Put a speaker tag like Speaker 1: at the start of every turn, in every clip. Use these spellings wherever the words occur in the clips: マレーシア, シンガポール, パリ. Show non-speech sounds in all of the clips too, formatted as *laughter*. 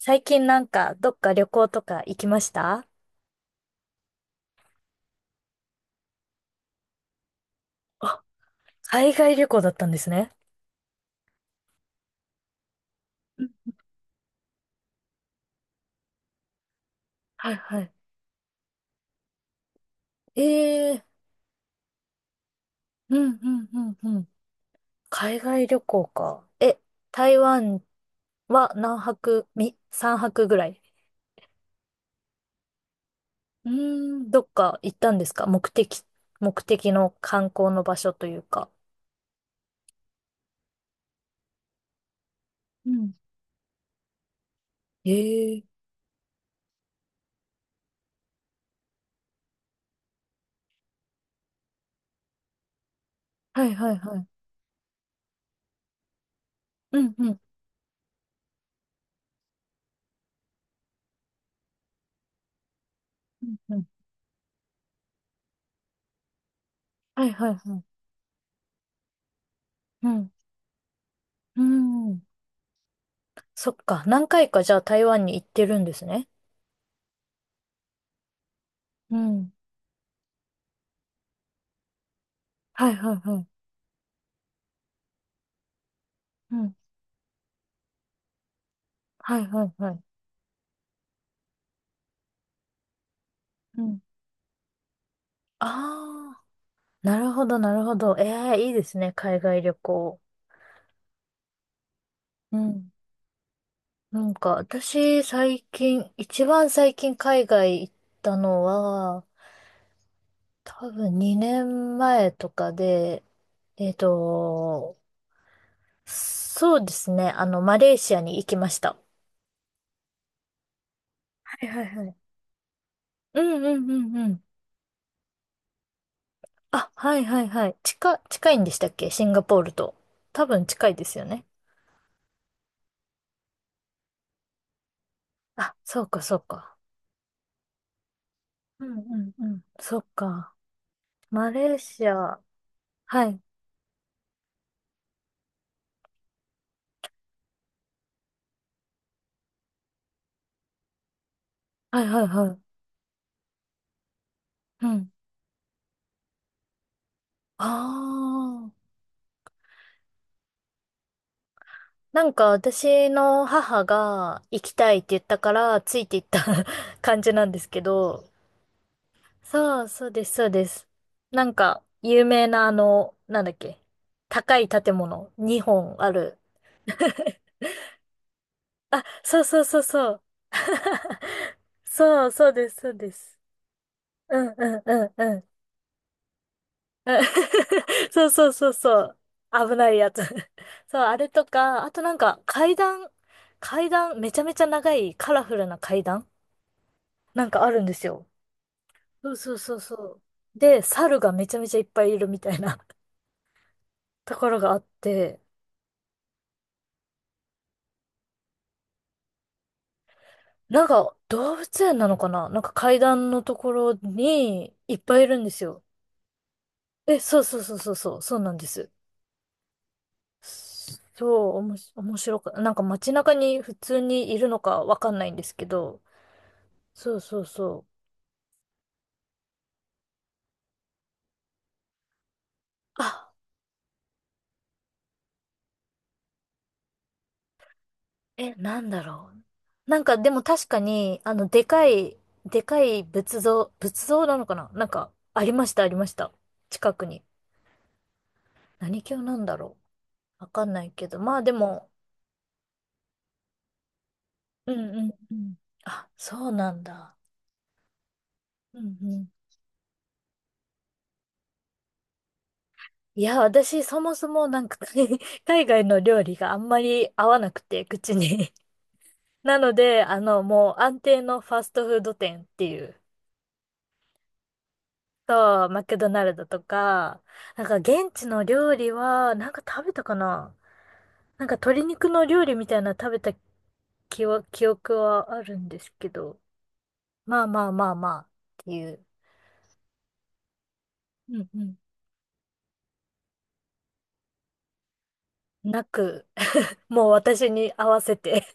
Speaker 1: 最近なんか、どっか旅行とか行きました？あ、海外旅行だったんですね。うんはいはい。ええうんうんうんうん。海外旅行か。え、台湾は何泊、泊ぐらい？うーん、どっか行ったんですか？目的の観光の場所というか。うん。ええはいはいはい。うんうんうんうん。はいはいはい。うん。うん。そっか。何回かじゃあ台湾に行ってるんですね。うん。はいはいはい。うん。はいはいはい。うん。ああ、なるほどなるほど。ええ、いいですね、海外旅行。うん。なんか、私、最近、一番最近海外行ったのは、多分2年前とかで、えっと、そうですね、あの、マレーシアに行きました。はいはいはい。うんうんうんうん。あ、はいはいはい。近いんでしたっけシンガポールと。多分近いですよね。あ、そうかそうか。うんうんうん。そっか。マレーシア。はい。はいはいはい。うん。ああ。なんか私の母が行きたいって言ったからついていった *laughs* 感じなんですけど。そうそうですそうです。なんか有名なあの、なんだっけ。高い建物2本ある。そうそうそうそう。*laughs* そうそうですそうです。うんうんうんうん。*laughs* そうそうそうそう。危ないやつ。*laughs* そう、あれとか、あとなんか階段、めちゃめちゃ長いカラフルな階段なんかあるんですよ。そうそうそうそう。で、猿がめちゃめちゃいっぱいいるみたいな *laughs* ところがあって、なんか動物園なのかな、なんか階段のところにいっぱいいるんですよ。え、そうそうそうそうそう、そうなんです。そう、おもし、面白か、なんか街中に普通にいるのかわかんないんですけど、そうそうそう。あ、え、なんだろう。なんかでも確かに、あの、でかい仏像なのかな、なんか、ありました、ありました。近くに。何教なんだろう。わかんないけど。まあでも、うんうんうん。あ、そうなんだ。うんうん。いや、私、そもそもなんか *laughs* 海外の料理があんまり合わなくて、口に。なので、あの、もう安定のファストフード店っていう。と、マクドナルドとか、なんか現地の料理は、なんか食べたかな、なんか鶏肉の料理みたいなの食べた記憶はあるんですけど、まあまあまあまあっていう、うんうん、なく、*laughs* もう私に合わせて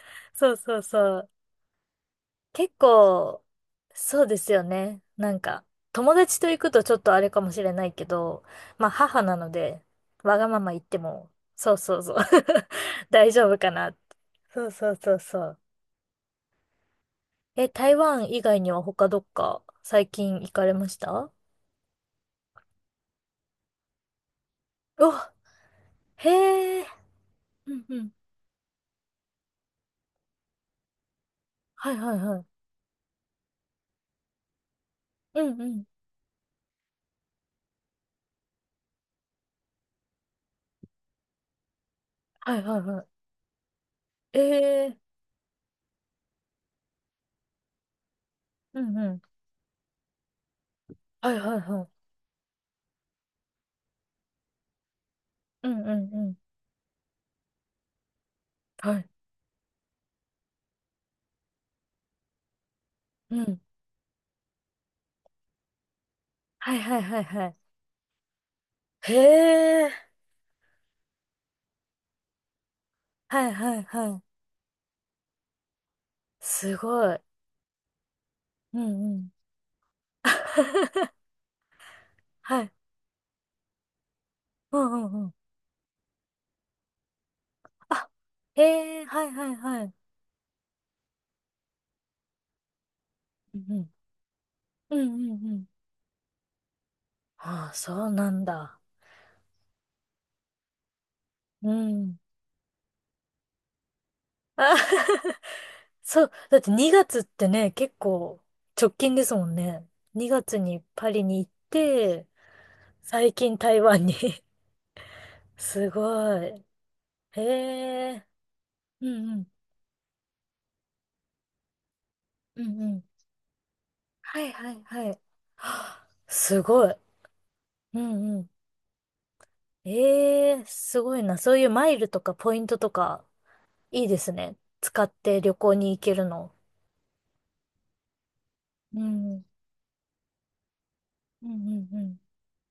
Speaker 1: *laughs* そうそうそう。結構、そうですよね。なんか、友達と行くとちょっとあれかもしれないけど、まあ母なので、わがまま言っても、そうそうそう *laughs* 大丈夫かなって。そうそうそうそう。え、台湾以外には他どっか最近行かれました？うわ、へえ。うんうん。はいはいはい。うんうん。はいはいはい。ええ。うんうん。はいはいはい。うんうんうん。はい。うん。はいはいはいはい。へえ。はいはいはい。すごい。うんうん。*laughs* はい。うんうんうん。あ、へえ。はいはいはい。うんうん。うんうんうん。ああ、そうなんだ。うん。あ *laughs* そう、だって2月ってね、結構直近ですもんね。2月にパリに行って、最近台湾に *laughs* すごい。へえ。うんうん。うんうん。はいはいはい。はあすごい。うんうん。ええ、すごいな。そういうマイルとかポイントとか、いいですね。使って旅行に行けるの。うん。うんうんうん。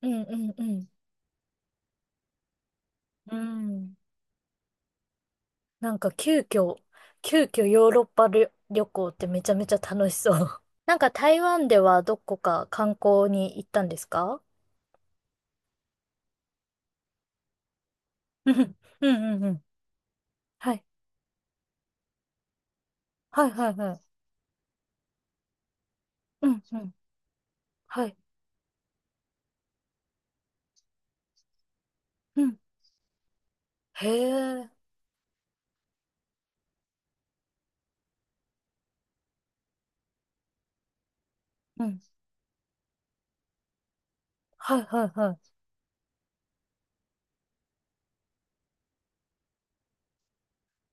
Speaker 1: うんうんうん。うん。なんか急遽ヨーロッパ旅行ってめちゃめちゃ楽しそう。*laughs* なんか台湾ではどこか観光に行ったんですか？うん、うん、うん。うんはい。はい、はい、はい。うん、うん。はい。うん。へえ。うん。はい、はい、はい。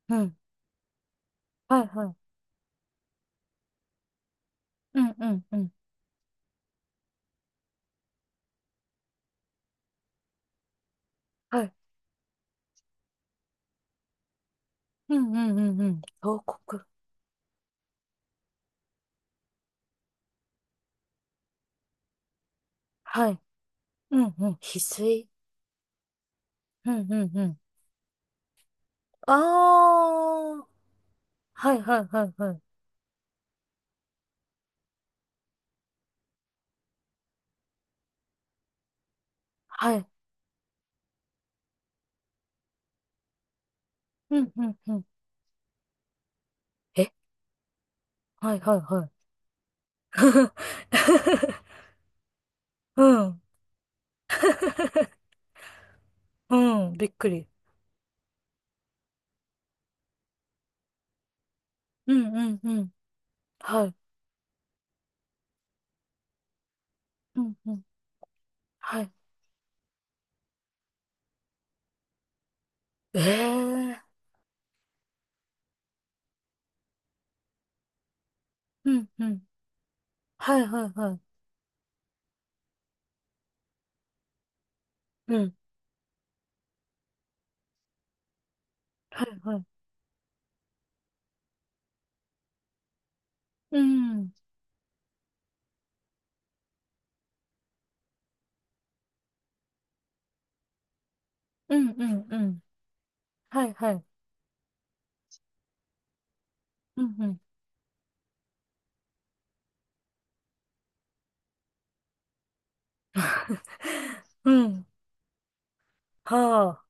Speaker 1: うん。はい、はい。うん、うん、うん。はい。うん、うん、うん、うん。王国。はい。うん、うん。翡翠。うん、うん、うん。ああ。はい、はい、はい、はい。はい。うん、うん、うん。えはいはいはい。*laughs* うん。*laughs* うん。びっくり。うんうんうん。はい。うんうん。はい。ええうんうん。はいはいはい。うん。はいはい。うん。うんうんうん。はいはい。うんうん。うん。はあ。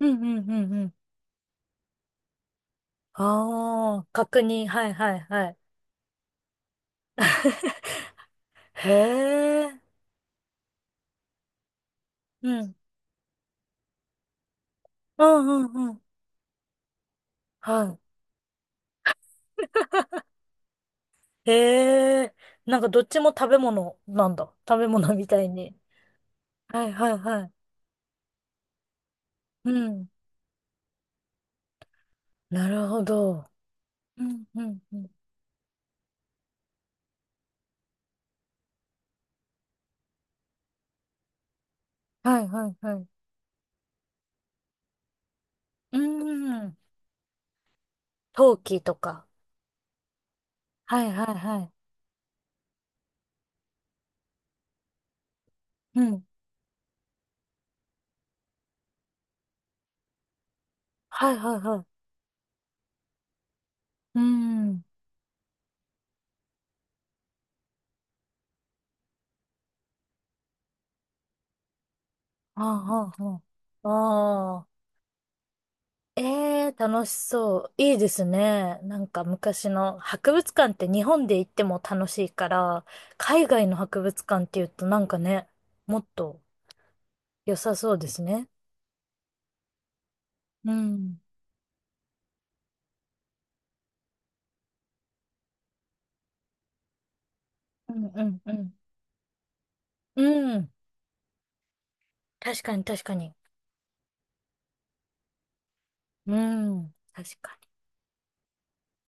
Speaker 1: うんうんうんうん。ああ。確認。はいはいはい。へえ。うん。うんうんうん。はい。へえ。なんかどっちも食べ物なんだ。食べ物みたいに。はいはいはい。うん。なるほど。うん、うん、うん。はいはいはい。うん。陶器とか。はいはいはい。うん。はいはいはい。うん。ああ、ああ、ああ。ええ楽しそう。いいですね。なんか昔の博物館って日本で行っても楽しいから、海外の博物館って言うとなんかね、もっと良さそうですね。うん。うんうんうん。うん。確かに確かに。うん。確かに。